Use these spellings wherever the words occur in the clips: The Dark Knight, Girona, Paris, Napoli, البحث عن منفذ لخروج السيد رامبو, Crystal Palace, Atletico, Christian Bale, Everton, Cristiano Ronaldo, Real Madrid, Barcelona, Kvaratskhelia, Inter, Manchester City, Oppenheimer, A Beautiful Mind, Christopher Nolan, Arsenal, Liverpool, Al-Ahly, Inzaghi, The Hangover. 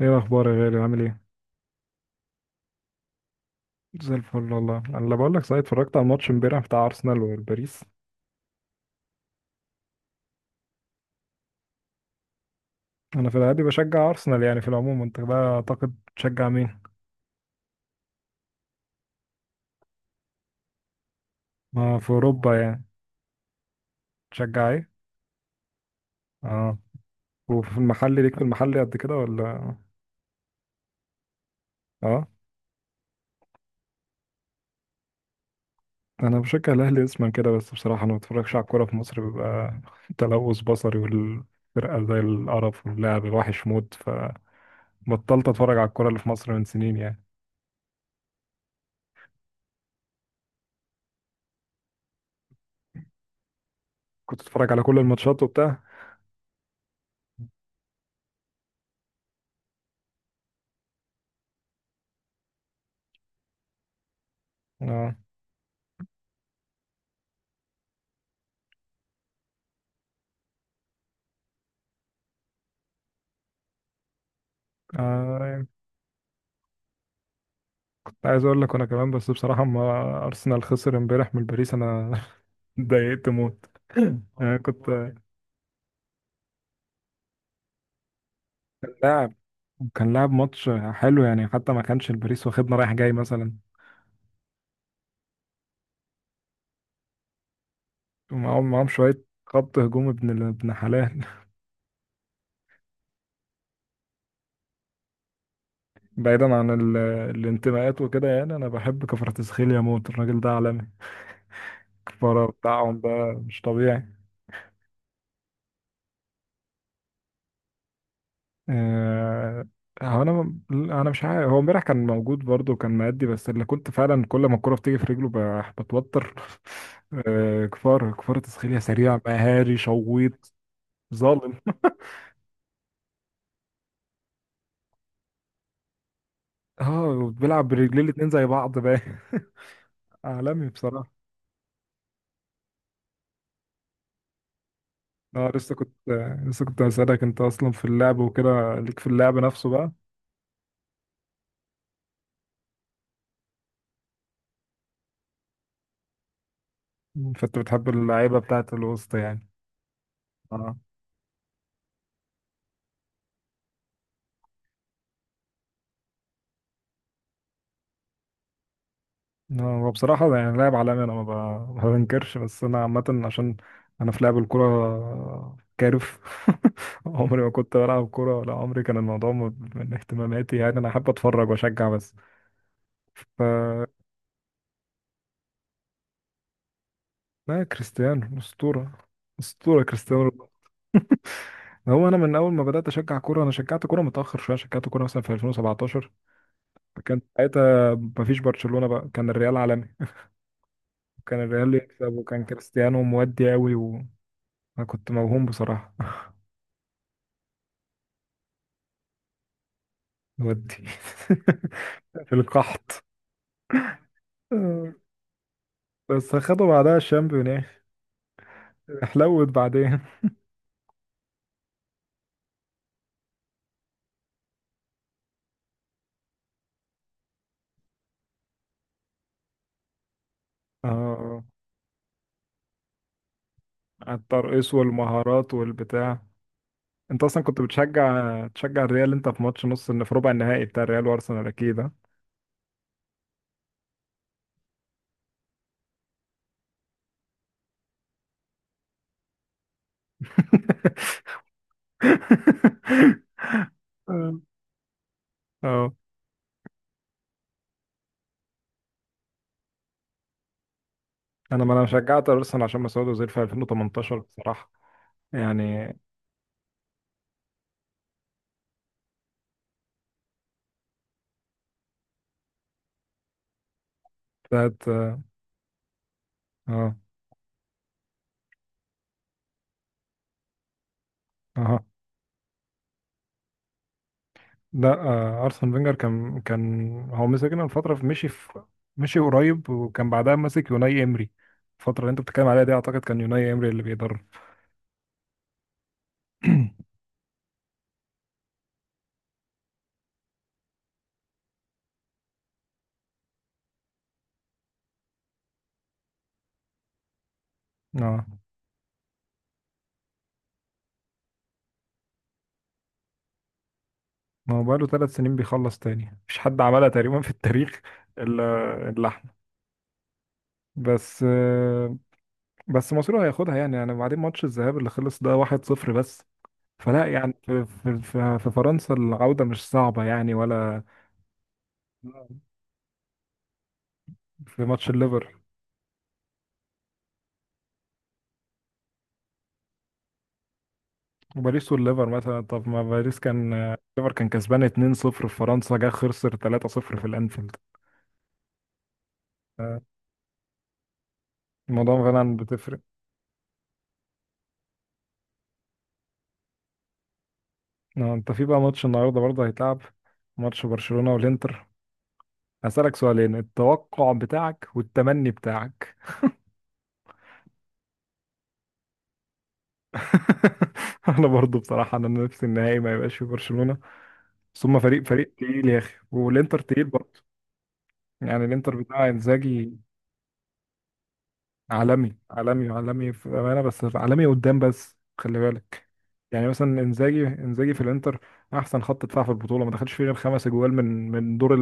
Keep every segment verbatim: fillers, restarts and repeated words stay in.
ايه الاخبار يا غالي عامل ايه؟ زي الفل والله. انا لا بقول لك صحيح، اتفرجت على الماتش امبارح بتاع ارسنال وباريس. انا في العادي بشجع ارسنال، يعني في العموم. انت بقى اعتقد تشجع مين؟ ما في اوروبا يعني تشجع ايه؟ اه. وفي المحل ليك في المحل قد كده ولا؟ اه. انا بشجع الاهلي اسما كده، بس بصراحه انا ما بتفرجش على الكوره في مصر، بيبقى تلوث بصري، والفرقه زي القرف واللعب الوحش موت. فبطلت اتفرج على الكوره اللي في مصر من سنين يعني. كنت اتفرج على كل الماتشات وبتاع. اه آه، عايز اقول لك انا كمان، بس بصراحه اما ارسنال خسر امبارح من باريس انا اتضايقت موت. يعني كنت لاعب. كان لاعب ماتش حلو يعني، حتى ما كانش الباريس واخدنا رايح جاي مثلا. ومعاهم معاهم شويه خط هجوم ابن ال- ابن حلال. بعيدا عن ال- الانتماءات وكده، يعني انا بحب كفرتسخيليا موت، الراجل ده عالمي. الكفاره بتاعهم ده مش طبيعي. آه، هو انا انا مش عارف، هو امبارح كان موجود برضه وكان مأدي، بس اللي كنت فعلا كل ما الكرة بتيجي في رجله ب- بتوتر آه، كفار كفار تسخيلية سريع مهاري شويط ظالم. اه بيلعب برجلين الاتنين زي بعض بقى. عالمي بصراحة. اه لسه كنت لسه كنت هسألك انت اصلا في اللعب وكده، ليك في اللعب نفسه بقى؟ فانت بتحب اللعيبة بتاعت الوسط يعني. آه. هو بصراحة يعني لاعب عالمي، أنا ما ب- ما بنكرش، بس أنا عامة عشان أنا في لعب الكورة كارف عمري ما كنت بلعب كورة ولا عمري كان الموضوع م- من اهتماماتي، يعني أنا أحب أتفرج وأشجع بس. ف لا كريستيانو أسطورة. أسطورة كريستيانو رونالدو. هو أنا من أول ما بدأت أشجع كورة، أنا شجعت كورة متأخر شوية، شجعت كورة مثلا في ألفين وسبعتاشر. كان ساعتها مفيش برشلونة بقى، كان الريال عالمي. كان الريال يكسب وكان كريستيانو مودي أوي، وأنا كنت موهوم بصراحة. ودي في القحط. آه، بس خدوا بعدها الشامبيون. حلوت بعدين. اه آه. على الترقيص والمهارات والبتاع. انت اصلا كنت بتشجع تشجع الريال، انت في ماتش نص الن- في ربع النهائي بتاع الريال وارسنال اكيد ها؟ اه آه. انا ما انا شجعت ارسنال عشان ما سعود اوزيل في ألفين وتمنتاشر بصراحة يعني. بتاعت اه اه لا آه، ارسن فينجر كان كان هو مسكنا فتره في مشي في مشي قريب، وكان بعدها ماسك يوناي امري. الفتره اللي انت بتتكلم عليها دي اعتقد كان يوناي امري اللي بيدرب. اه ما هو بقاله ثلاث سنين بيخلص تاني، مفيش حد عملها تقريبا في التاريخ الا الا احنا. بس آه، بس مصر هياخدها يعني. يعني بعدين ماتش الذهاب اللي خلص ده واحد صفر بس، فلا يعني في في في في فرنسا العودة مش صعبة يعني ولا. في ماتش الليفر وباريس، والليفر مثلا طب ما باريس، كان الليفر كان كسبان اثنين صفر في فرنسا، جه خسر ثلاثة صفر في الانفيلد. الموضوع فعلا بتفرق. آه، انت في بقى ماتش النهارده برضه هيتلعب، ماتش برشلونة والانتر. هسألك سؤالين، التوقع بتاعك والتمني بتاعك. انا برضه بصراحة انا نفسي النهائي ما يبقاش في برشلونة، بس هما فريق فريق تقيل يا اخي، والانتر تقيل برضه. يعني الانتر بتاع انزاجي عالمي عالمي عالمي في أمانة، بس عالمي قدام بس خلي بالك. يعني مثلا انزاجي انزاجي في الانتر احسن خط دفاع في البطوله، ما دخلش فيه غير خمس اجوال من من دور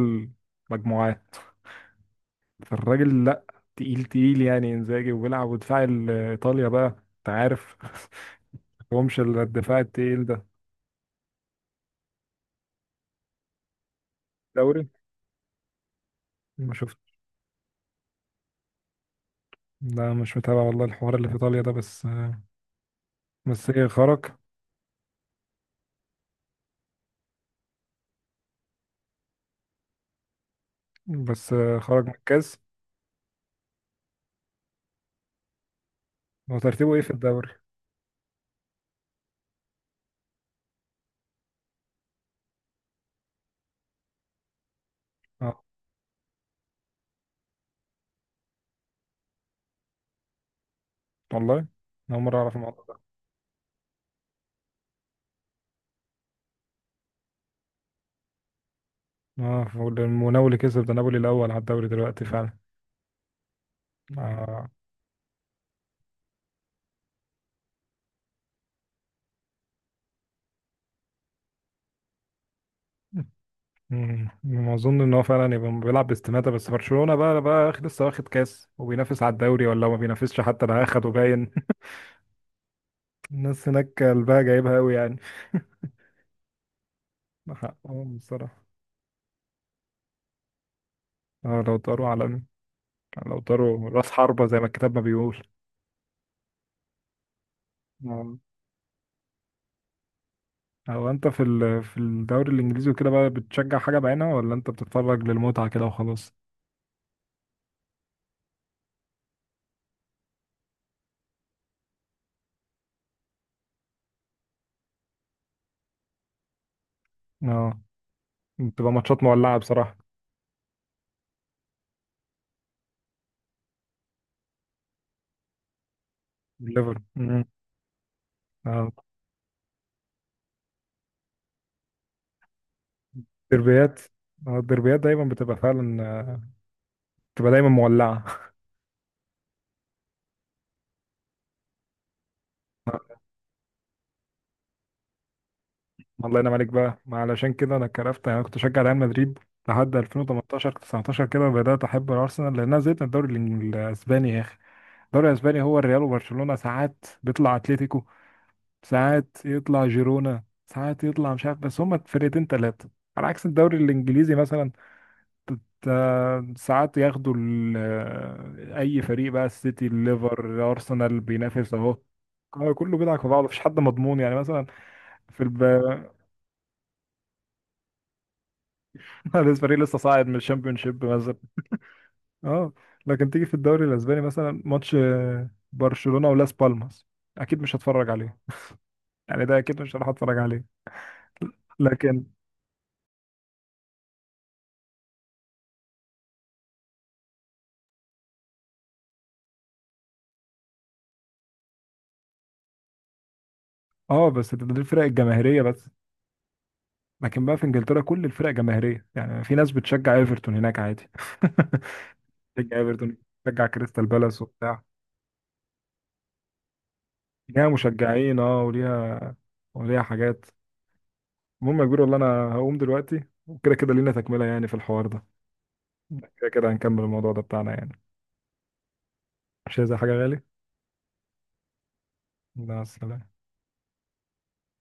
المجموعات. فالراجل لا تقيل تقيل يعني انزاجي، وبيلعب ودفاع ال- ايطاليا بقى انت عارف. مش الدفاع التقيل ده دوري. ما شفت. لا مش متابع والله الحوار اللي في ايطاليا ده بس. بس ايه خرج. بس خرج من الكاس. هو ترتيبه ايه في الدوري؟ اه والله أنا اول مره اعرف الموضوع. اه ونابولي كسب، ده نابولي الاول على الدوري دلوقتي فعلا. آه. مم. ما اظن ان هو فعلا يبقى بيلعب باستماتة، بس برشلونة بقى بقى اخ- لسه واخد كاس وبينافس على الدوري، ولا ما بينافسش حتى ده اخده باين. الناس هناك قلبها جايبها قوي يعني. حقهم بصراحة. اه لو طاروا عالمي، لو طاروا راس حربة زي ما الكتاب ما بيقول. آه. هو انت في ال... في الدوري الانجليزي وكده بقى بتشجع حاجة بعينها، ولا انت بتتفرج للمتعة كده وخلاص؟ اه بتبقى ماتشات مولعة بصراحة. الليفر. الدربيات. آه، الدربيات دايما بتبقى فعلا، آه، بتبقى دايما مولعه. الله ينعم عليك بقى، ما علشان كده انا كرفت يعني. انا كنت بشجع ريال مدريد لحد ألفين وتمنتاشر تسعة عشر كده، بدات احب الارسنال لان انا زهقت من الدوري الإنج- الاسباني يا اخي. الدوري الاسباني هو الريال وبرشلونه، ساعات بيطلع اتلتيكو، ساعات يطلع جيرونا، ساعات يطلع مش عارف، بس هما فرقتين ثلاثه. على عكس الدوري الانجليزي مثلا تا- ساعات ياخدوا ال- اي فريق بقى، السيتي الليفر الارسنال بينافس اهو. آه، كله بيلعب في بعضه مفيش حد مضمون، يعني مثلا في الب... لسه فريق لسه صاعد من الشامبيونشيب مثلا. اه لكن تيجي في الدوري الاسباني مثلا ماتش آه، برشلونة ولاس بالماس اكيد مش هتفرج عليه، يعني ده اكيد مش هروح اتفرج عليه. لكن اه بس ده ده الفرق الجماهيريه بس. لكن بقى في انجلترا كل الفرق جماهيريه، يعني في ناس بتشجع ايفرتون هناك عادي. تشجع ايفرتون تشجع كريستال بالاس وبتاع ليها مشجعين، اه وليها وليها حاجات. المهم يا كبير والله انا هقوم دلوقتي، وكده كده لينا تكملة يعني في الحوار ده، كده كده هنكمل الموضوع ده بتاعنا يعني. مش عايز أي حاجة غالي. مع السلامة.